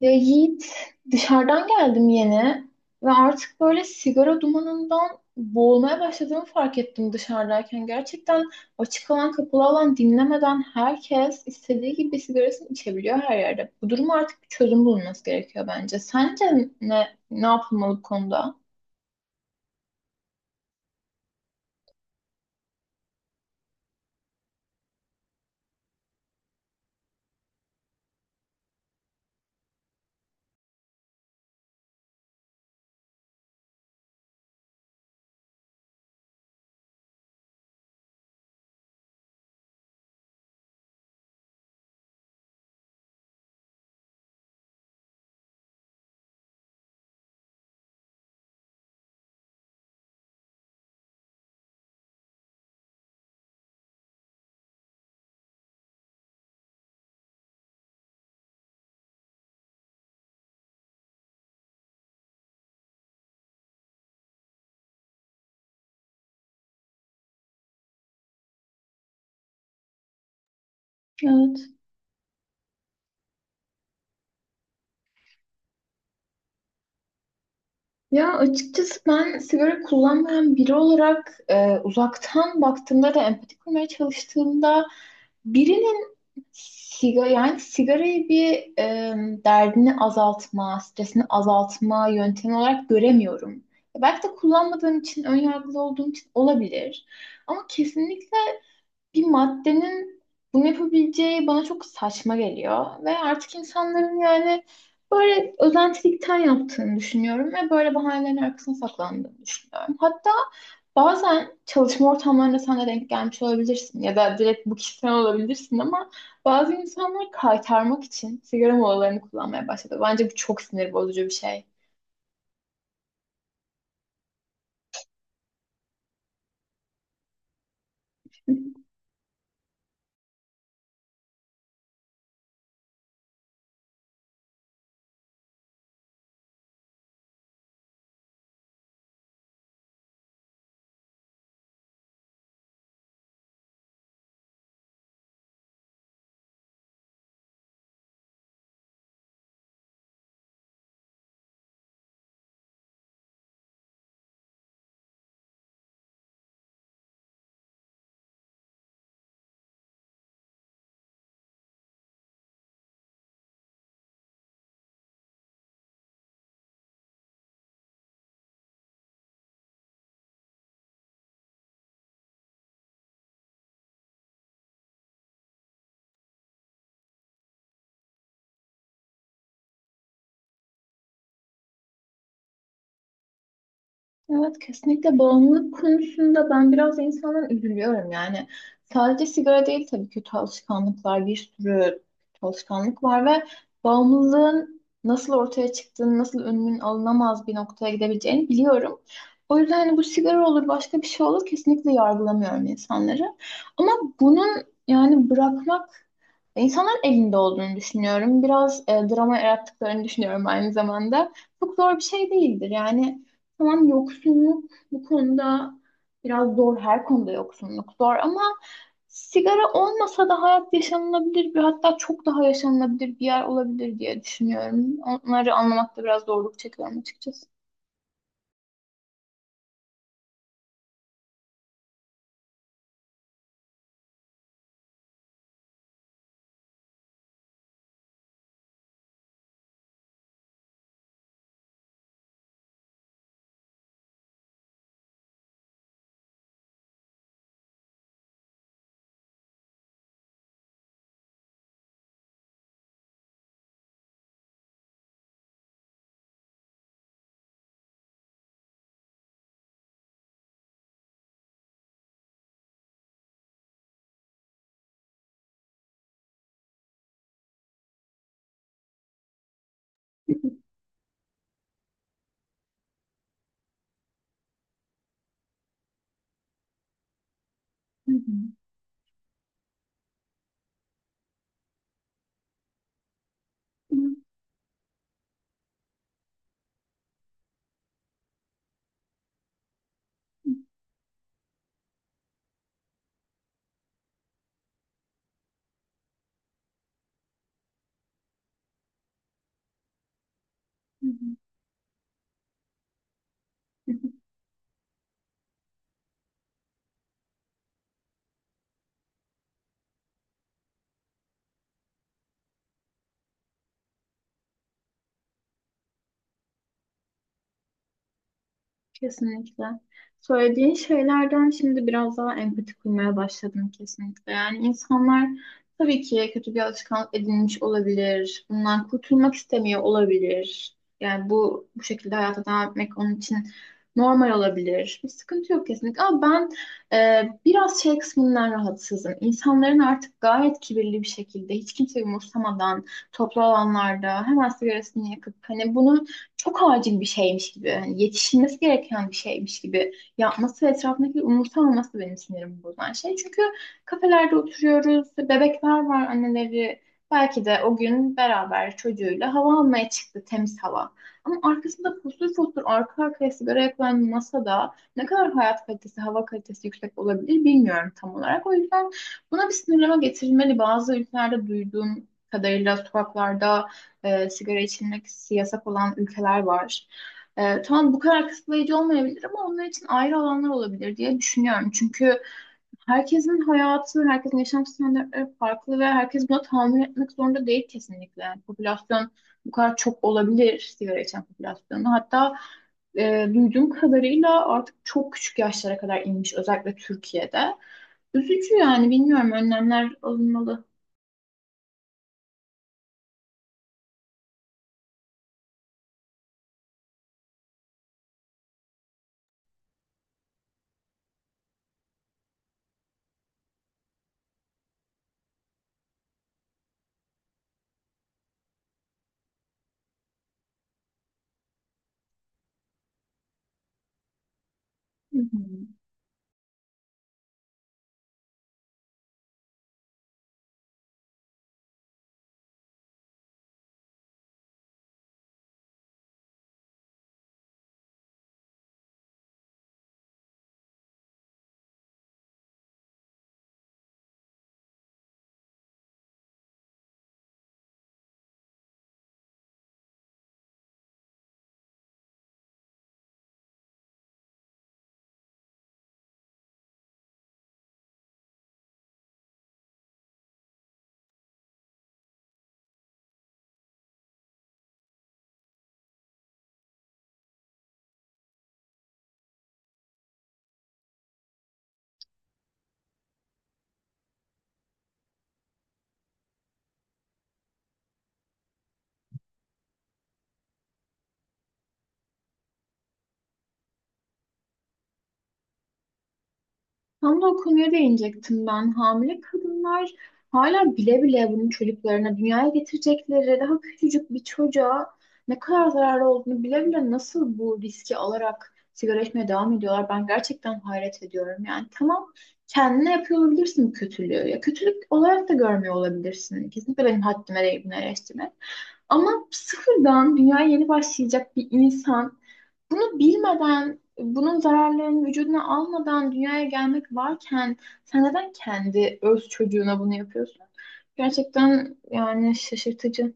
Ya Yiğit, dışarıdan geldim yeni ve artık böyle sigara dumanından boğulmaya başladığımı fark ettim dışarıdayken. Gerçekten açık alan, kapalı alan dinlemeden herkes istediği gibi sigarasını içebiliyor her yerde. Bu duruma artık bir çözüm bulunması gerekiyor bence. Sence ne yapılmalı bu konuda? Evet. Ya açıkçası ben sigara kullanmayan biri olarak uzaktan baktığımda da empati kurmaya çalıştığımda birinin yani sigarayı bir e, derdini azaltma, stresini azaltma yöntemi olarak göremiyorum. Belki de kullanmadığım için, ön yargılı olduğum için olabilir. Ama kesinlikle bir maddenin bunu yapabileceği bana çok saçma geliyor. Ve artık insanların yani böyle özentilikten yaptığını düşünüyorum ve böyle bahanelerin arkasına saklandığını düşünüyorum. Hatta bazen çalışma ortamlarında sen de denk gelmiş olabilirsin ya da direkt bu kişisel olabilirsin ama bazı insanlar kaytarmak için sigara molalarını kullanmaya başladı. Bence bu çok sinir bozucu bir şey. Evet, kesinlikle bağımlılık konusunda ben biraz insandan üzülüyorum yani. Sadece sigara değil tabii, kötü alışkanlıklar, bir sürü kötü alışkanlık var ve bağımlılığın nasıl ortaya çıktığını, nasıl önünün alınamaz bir noktaya gidebileceğini biliyorum. O yüzden hani bu sigara olur, başka bir şey olur, kesinlikle yargılamıyorum insanları. Ama bunun, yani bırakmak insanların elinde olduğunu düşünüyorum. Biraz drama yarattıklarını düşünüyorum aynı zamanda. Çok zor bir şey değildir yani. Tamam, yoksunluk bu konuda biraz zor. Her konuda yoksunluk zor ama sigara olmasa da hayat yaşanılabilir bir, hatta çok daha yaşanılabilir bir yer olabilir diye düşünüyorum. Onları anlamakta biraz zorluk çekiyorum açıkçası. Hı hı. Hı hı. Hı hı. Kesinlikle. Söylediğin şeylerden şimdi biraz daha empati kurmaya başladım kesinlikle. Yani insanlar tabii ki kötü bir alışkanlık edinmiş olabilir. Bundan kurtulmak istemiyor olabilir. Yani bu şekilde hayata devam etmek onun için normal olabilir. Bir sıkıntı yok kesinlikle. Ama ben biraz şey kısmından rahatsızım. İnsanların artık gayet kibirli bir şekilde hiç kimseyi umursamadan toplu alanlarda hemen sigarasını yakıp hani bunu çok acil bir şeymiş gibi, hani yetişilmesi gereken bir şeymiş gibi yapması ve etrafındaki umursamaması benim sinirimi bozan şey. Çünkü kafelerde oturuyoruz, bebekler var, anneleri. Belki de o gün beraber çocuğuyla hava almaya çıktı, temiz hava. Ama arkasında fosur fosur arka arkaya sigara yakılan masada ne kadar hayat kalitesi, hava kalitesi yüksek olabilir bilmiyorum tam olarak. O yüzden buna bir sınırlama getirilmeli. Bazı ülkelerde duyduğum kadarıyla sokaklarda sigara içilmek yasak olan ülkeler var. Tamam, bu kadar kısıtlayıcı olmayabilir ama onlar için ayrı alanlar olabilir diye düşünüyorum. Çünkü herkesin hayatı, herkesin yaşam standartları farklı ve herkes buna tahammül etmek zorunda değil kesinlikle. Yani popülasyon bu kadar çok olabilir, sigara içen popülasyonu. Hatta duyduğum kadarıyla artık çok küçük yaşlara kadar inmiş özellikle Türkiye'de. Üzücü yani, bilmiyorum, önlemler alınmalı. Hı hı. Tam da o konuya değinecektim ben. Hamile kadınlar hala bile bile bunun çocuklarına, dünyaya getirecekleri daha küçücük bir çocuğa ne kadar zararlı olduğunu bile bile nasıl bu riski alarak sigara içmeye devam ediyorlar. Ben gerçekten hayret ediyorum. Yani tamam, kendine yapıyor olabilirsin bu kötülüğü. Ya kötülük olarak da görmüyor olabilirsin. Kesinlikle benim haddime değil bunu eleştirmek. Ama sıfırdan dünyaya yeni başlayacak bir insan bunu bilmeden, bunun zararlarını vücuduna almadan dünyaya gelmek varken sen neden kendi öz çocuğuna bunu yapıyorsun? Gerçekten yani şaşırtıcı.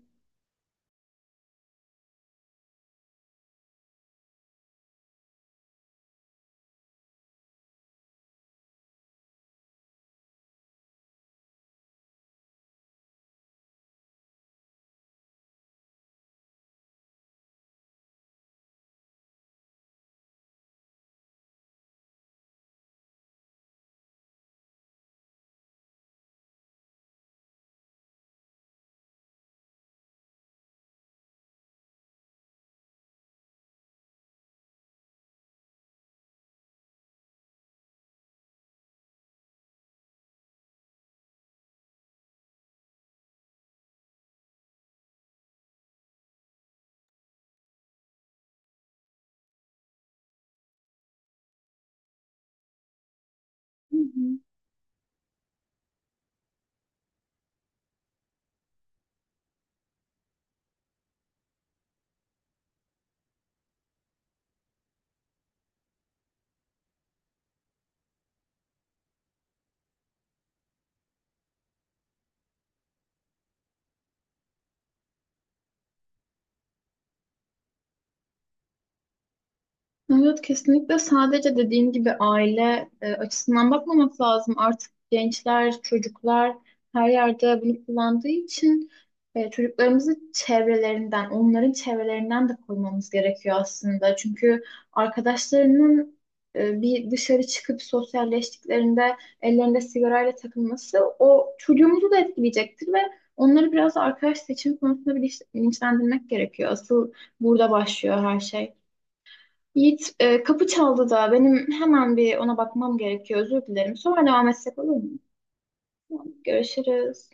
Hı hı. Evet, kesinlikle sadece dediğin gibi aile açısından bakmamak lazım. Artık gençler, çocuklar her yerde bunu kullandığı için çocuklarımızı çevrelerinden, onların çevrelerinden de korumamız gerekiyor aslında. Çünkü arkadaşlarının bir dışarı çıkıp sosyalleştiklerinde ellerinde sigarayla takılması o çocuğumuzu da etkileyecektir ve onları biraz da arkadaş seçimi konusunda bilinçlendirmek gerekiyor. Asıl burada başlıyor her şey. Yiğit, kapı çaldı da benim hemen bir ona bakmam gerekiyor. Özür dilerim. Sonra devam etsek olur mu? Tamam, görüşürüz.